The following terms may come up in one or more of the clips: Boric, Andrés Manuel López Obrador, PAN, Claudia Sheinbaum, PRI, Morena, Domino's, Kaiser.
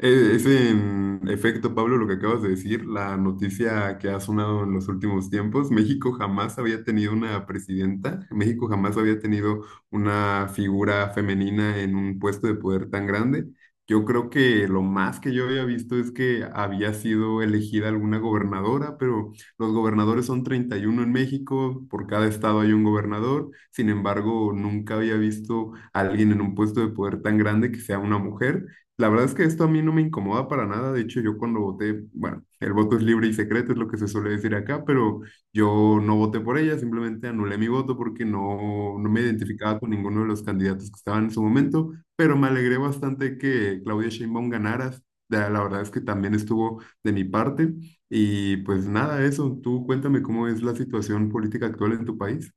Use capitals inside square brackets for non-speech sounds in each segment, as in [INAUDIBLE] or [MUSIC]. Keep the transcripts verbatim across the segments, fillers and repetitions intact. Eh, Es en efecto, Pablo, lo que acabas de decir, la noticia que ha sonado en los últimos tiempos. México jamás había tenido una presidenta, México jamás había tenido una figura femenina en un puesto de poder tan grande. Yo creo que lo más que yo había visto es que había sido elegida alguna gobernadora, pero los gobernadores son treinta y uno en México, por cada estado hay un gobernador. Sin embargo, nunca había visto a alguien en un puesto de poder tan grande que sea una mujer. La verdad es que esto a mí no me incomoda para nada. De hecho, yo cuando voté, bueno, el voto es libre y secreto, es lo que se suele decir acá, pero yo no voté por ella, simplemente anulé mi voto porque no, no me identificaba con ninguno de los candidatos que estaban en su momento, pero me alegré bastante que Claudia Sheinbaum ganara. La la verdad es que también estuvo de mi parte. Y pues nada, eso. Tú cuéntame cómo es la situación política actual en tu país.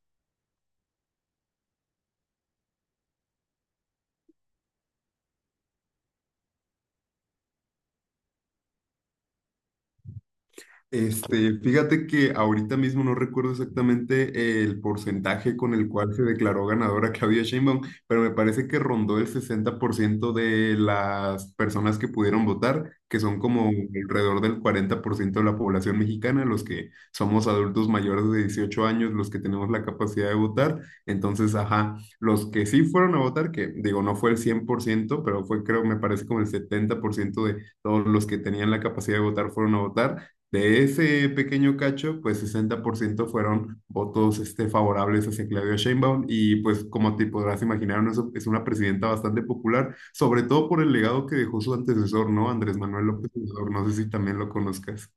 Este, fíjate que ahorita mismo no recuerdo exactamente el porcentaje con el cual se declaró ganadora Claudia Sheinbaum, pero me parece que rondó el sesenta por ciento de las personas que pudieron votar, que son como alrededor del cuarenta por ciento de la población mexicana, los que somos adultos mayores de dieciocho años, los que tenemos la capacidad de votar. Entonces, ajá, los que sí fueron a votar, que digo, no fue el cien por ciento pero fue creo, me parece como el setenta por ciento de todos los que tenían la capacidad de votar fueron a votar. De ese pequeño cacho, pues sesenta por ciento fueron votos este, favorables hacia Claudia Sheinbaum y pues como te podrás imaginar, no es es una presidenta bastante popular, sobre todo por el legado que dejó su antecesor, ¿no? Andrés Manuel López Obrador, no sé si también lo conozcas.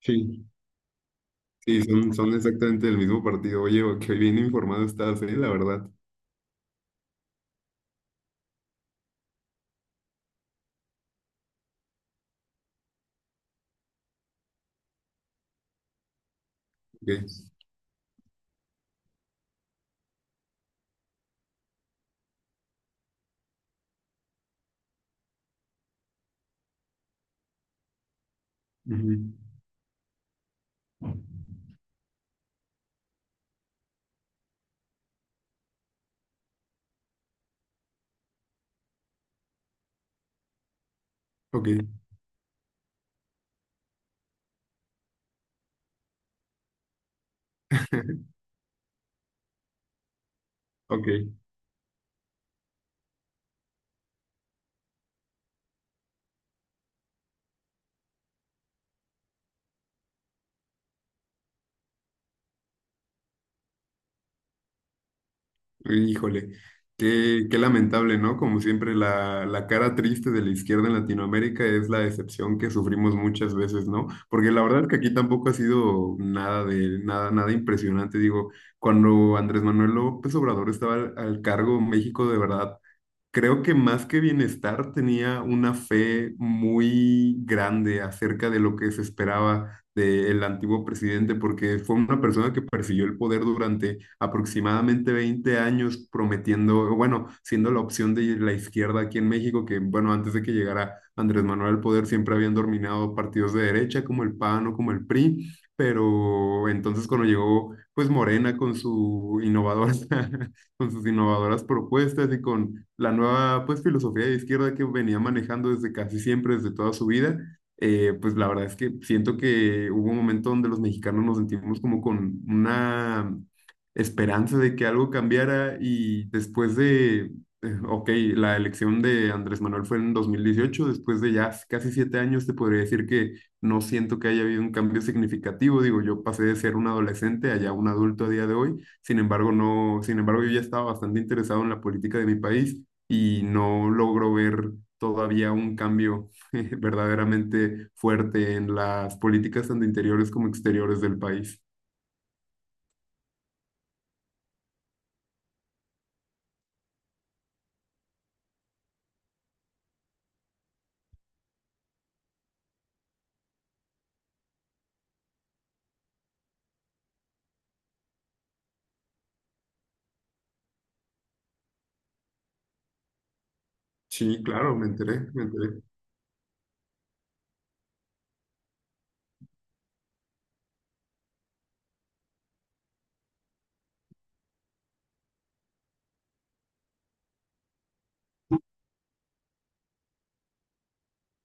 Sí. Sí, son, son exactamente del mismo partido. Oye, qué bien informado estás, ¿eh? La verdad. Ok. Ujú. Ok, [LAUGHS] ok. Híjole, qué, qué lamentable, ¿no? Como siempre, la, la cara triste de la izquierda en Latinoamérica es la decepción que sufrimos muchas veces, ¿no? Porque la verdad es que aquí tampoco ha sido nada de nada, nada impresionante. Digo, cuando Andrés Manuel López Obrador estaba al, al cargo, México de verdad creo que más que bienestar tenía una fe muy grande acerca de lo que se esperaba del antiguo presidente, porque fue una persona que persiguió el poder durante aproximadamente veinte años prometiendo, bueno, siendo la opción de la izquierda aquí en México, que bueno, antes de que llegara Andrés Manuel al poder siempre habían dominado partidos de derecha como el PAN o como el PRI, pero entonces cuando llegó pues Morena con su innovadora, [LAUGHS] con sus innovadoras propuestas y con la nueva pues filosofía de izquierda que venía manejando desde casi siempre, desde toda su vida, eh, pues la verdad es que siento que hubo un momento donde los mexicanos nos sentimos como con una esperanza de que algo cambiara y después de, eh, ok, la elección de Andrés Manuel fue en dos mil dieciocho, después de ya casi siete años te podría decir que no siento que haya habido un cambio significativo, digo, yo pasé de ser un adolescente a ya un adulto a día de hoy, sin embargo, no, sin embargo, yo ya estaba bastante interesado en la política de mi país y no logro ver todavía un cambio [LAUGHS] verdaderamente fuerte en las políticas tanto interiores como exteriores del país. Sí, claro, me enteré, me enteré.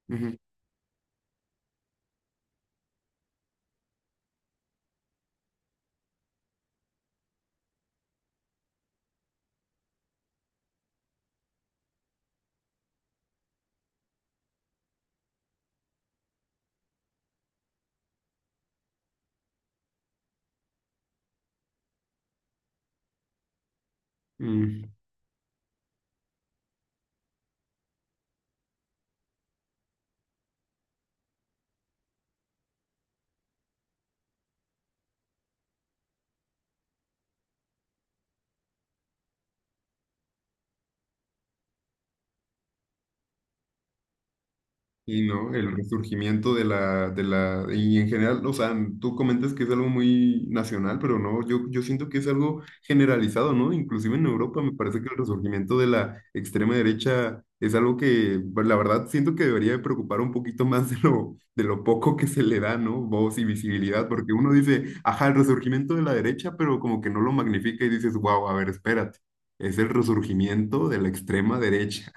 Ujú. Mm. Y no, el resurgimiento de la, de la, y en general, o sea, tú comentas que es algo muy nacional, pero no, yo, yo siento que es algo generalizado, ¿no? Inclusive en Europa me parece que el resurgimiento de la extrema derecha es algo que, pues, la verdad, siento que debería de preocupar un poquito más de lo, de lo poco que se le da, ¿no? Voz y visibilidad, porque uno dice, ajá, el resurgimiento de la derecha, pero como que no lo magnifica y dices, wow, a ver, espérate, es el resurgimiento de la extrema derecha.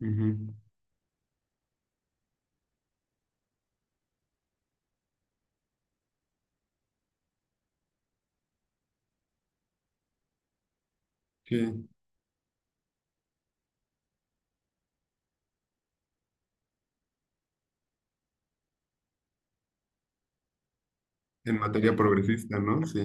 Ujú. Sí. En materia progresista, ¿no? Sí.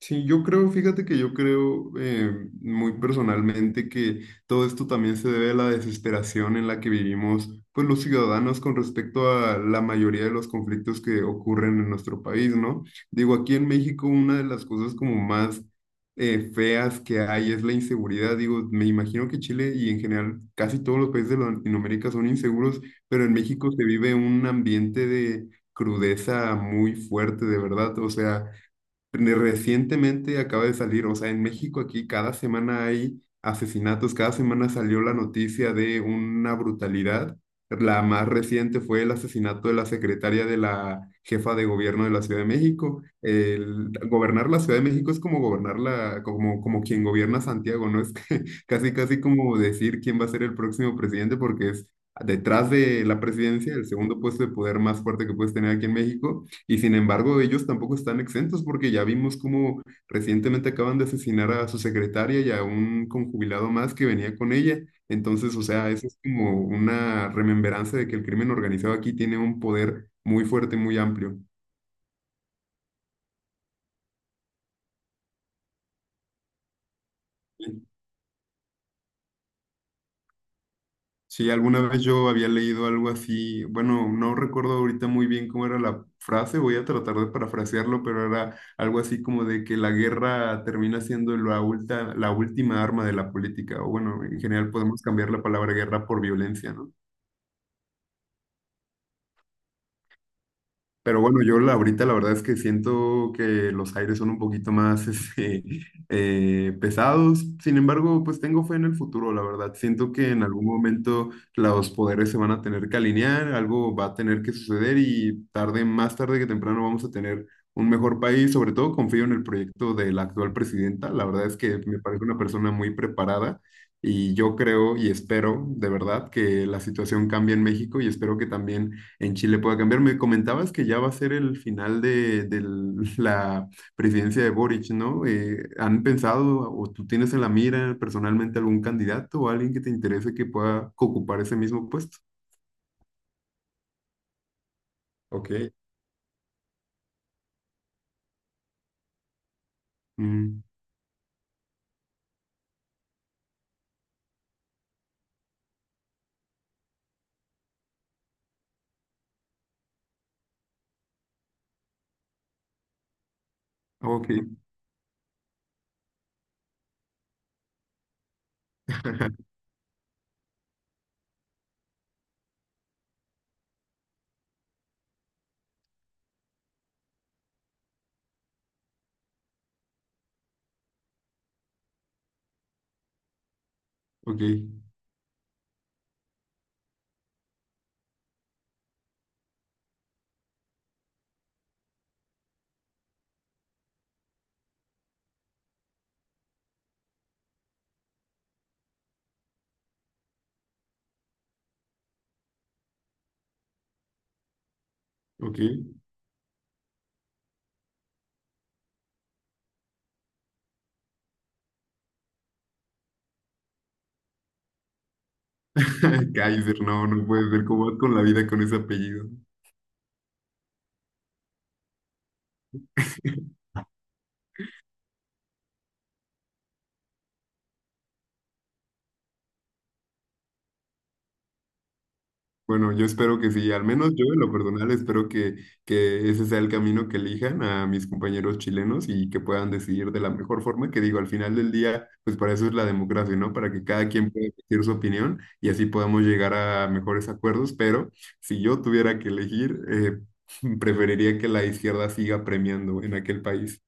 Sí, yo creo, fíjate que yo creo eh, muy personalmente que todo esto también se debe a la desesperación en la que vivimos, pues los ciudadanos con respecto a la mayoría de los conflictos que ocurren en nuestro país, ¿no? Digo, aquí en México una de las cosas como más eh, feas que hay es la inseguridad. Digo, me imagino que Chile y en general casi todos los países de Latinoamérica son inseguros, pero en México se vive un ambiente de crudeza muy fuerte, de verdad. O sea re- recientemente acaba de salir, o sea, en México aquí cada semana hay asesinatos, cada semana salió la noticia de una brutalidad. La más reciente fue el asesinato de la secretaria de la jefa de gobierno de la Ciudad de México. El, gobernar la Ciudad de México es como gobernar la, como, como quien gobierna Santiago, ¿no? Es que [LAUGHS] casi, casi como decir quién va a ser el próximo presidente porque es detrás de la presidencia, el segundo puesto de poder más fuerte que puedes tener aquí en México. Y sin embargo, ellos tampoco están exentos porque ya vimos cómo recientemente acaban de asesinar a su secretaria y a un conjubilado más que venía con ella. Entonces, o sea, eso es como una remembranza de que el crimen organizado aquí tiene un poder muy fuerte, muy amplio. Sí, alguna vez yo había leído algo así, bueno, no recuerdo ahorita muy bien cómo era la frase, voy a tratar de parafrasearlo, pero era algo así como de que la guerra termina siendo la ulta- la última arma de la política, o bueno, en general podemos cambiar la palabra guerra por violencia, ¿no? Pero bueno, yo la, ahorita la verdad es que siento que los aires son un poquito más este, [LAUGHS] eh, pesados. Sin embargo, pues tengo fe en el futuro, la verdad. Siento que en algún momento los poderes se van a tener que alinear, algo va a tener que suceder y tarde, más tarde que temprano vamos a tener un mejor país. Sobre todo confío en el proyecto de la actual presidenta. La verdad es que me parece una persona muy preparada. Y yo creo y espero de verdad que la situación cambie en México y espero que también en Chile pueda cambiar. Me comentabas que ya va a ser el final de, de [LAUGHS] la presidencia de Boric, ¿no? Eh, ¿han pensado o tú tienes en la mira personalmente algún candidato o alguien que te interese que pueda ocupar ese mismo puesto? Ok. Mm, ok. [LAUGHS] Ok. Ok. [LAUGHS] Kaiser, no, no puede ser. ¿Cómo vas con la vida con ese apellido? Bueno, yo espero que sí, al menos yo en lo personal espero que, que ese sea el camino que elijan a mis compañeros chilenos y que puedan decidir de la mejor forma, que digo, al final del día, pues para eso es la democracia, ¿no? Para que cada quien pueda decir su opinión y así podamos llegar a mejores acuerdos, pero si yo tuviera que elegir, eh, [LAUGHS] preferiría que la izquierda siga premiando en aquel país.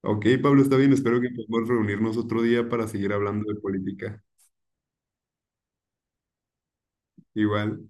Ok, Pablo, está bien, espero que podamos reunirnos otro día para seguir hablando de política. Igual.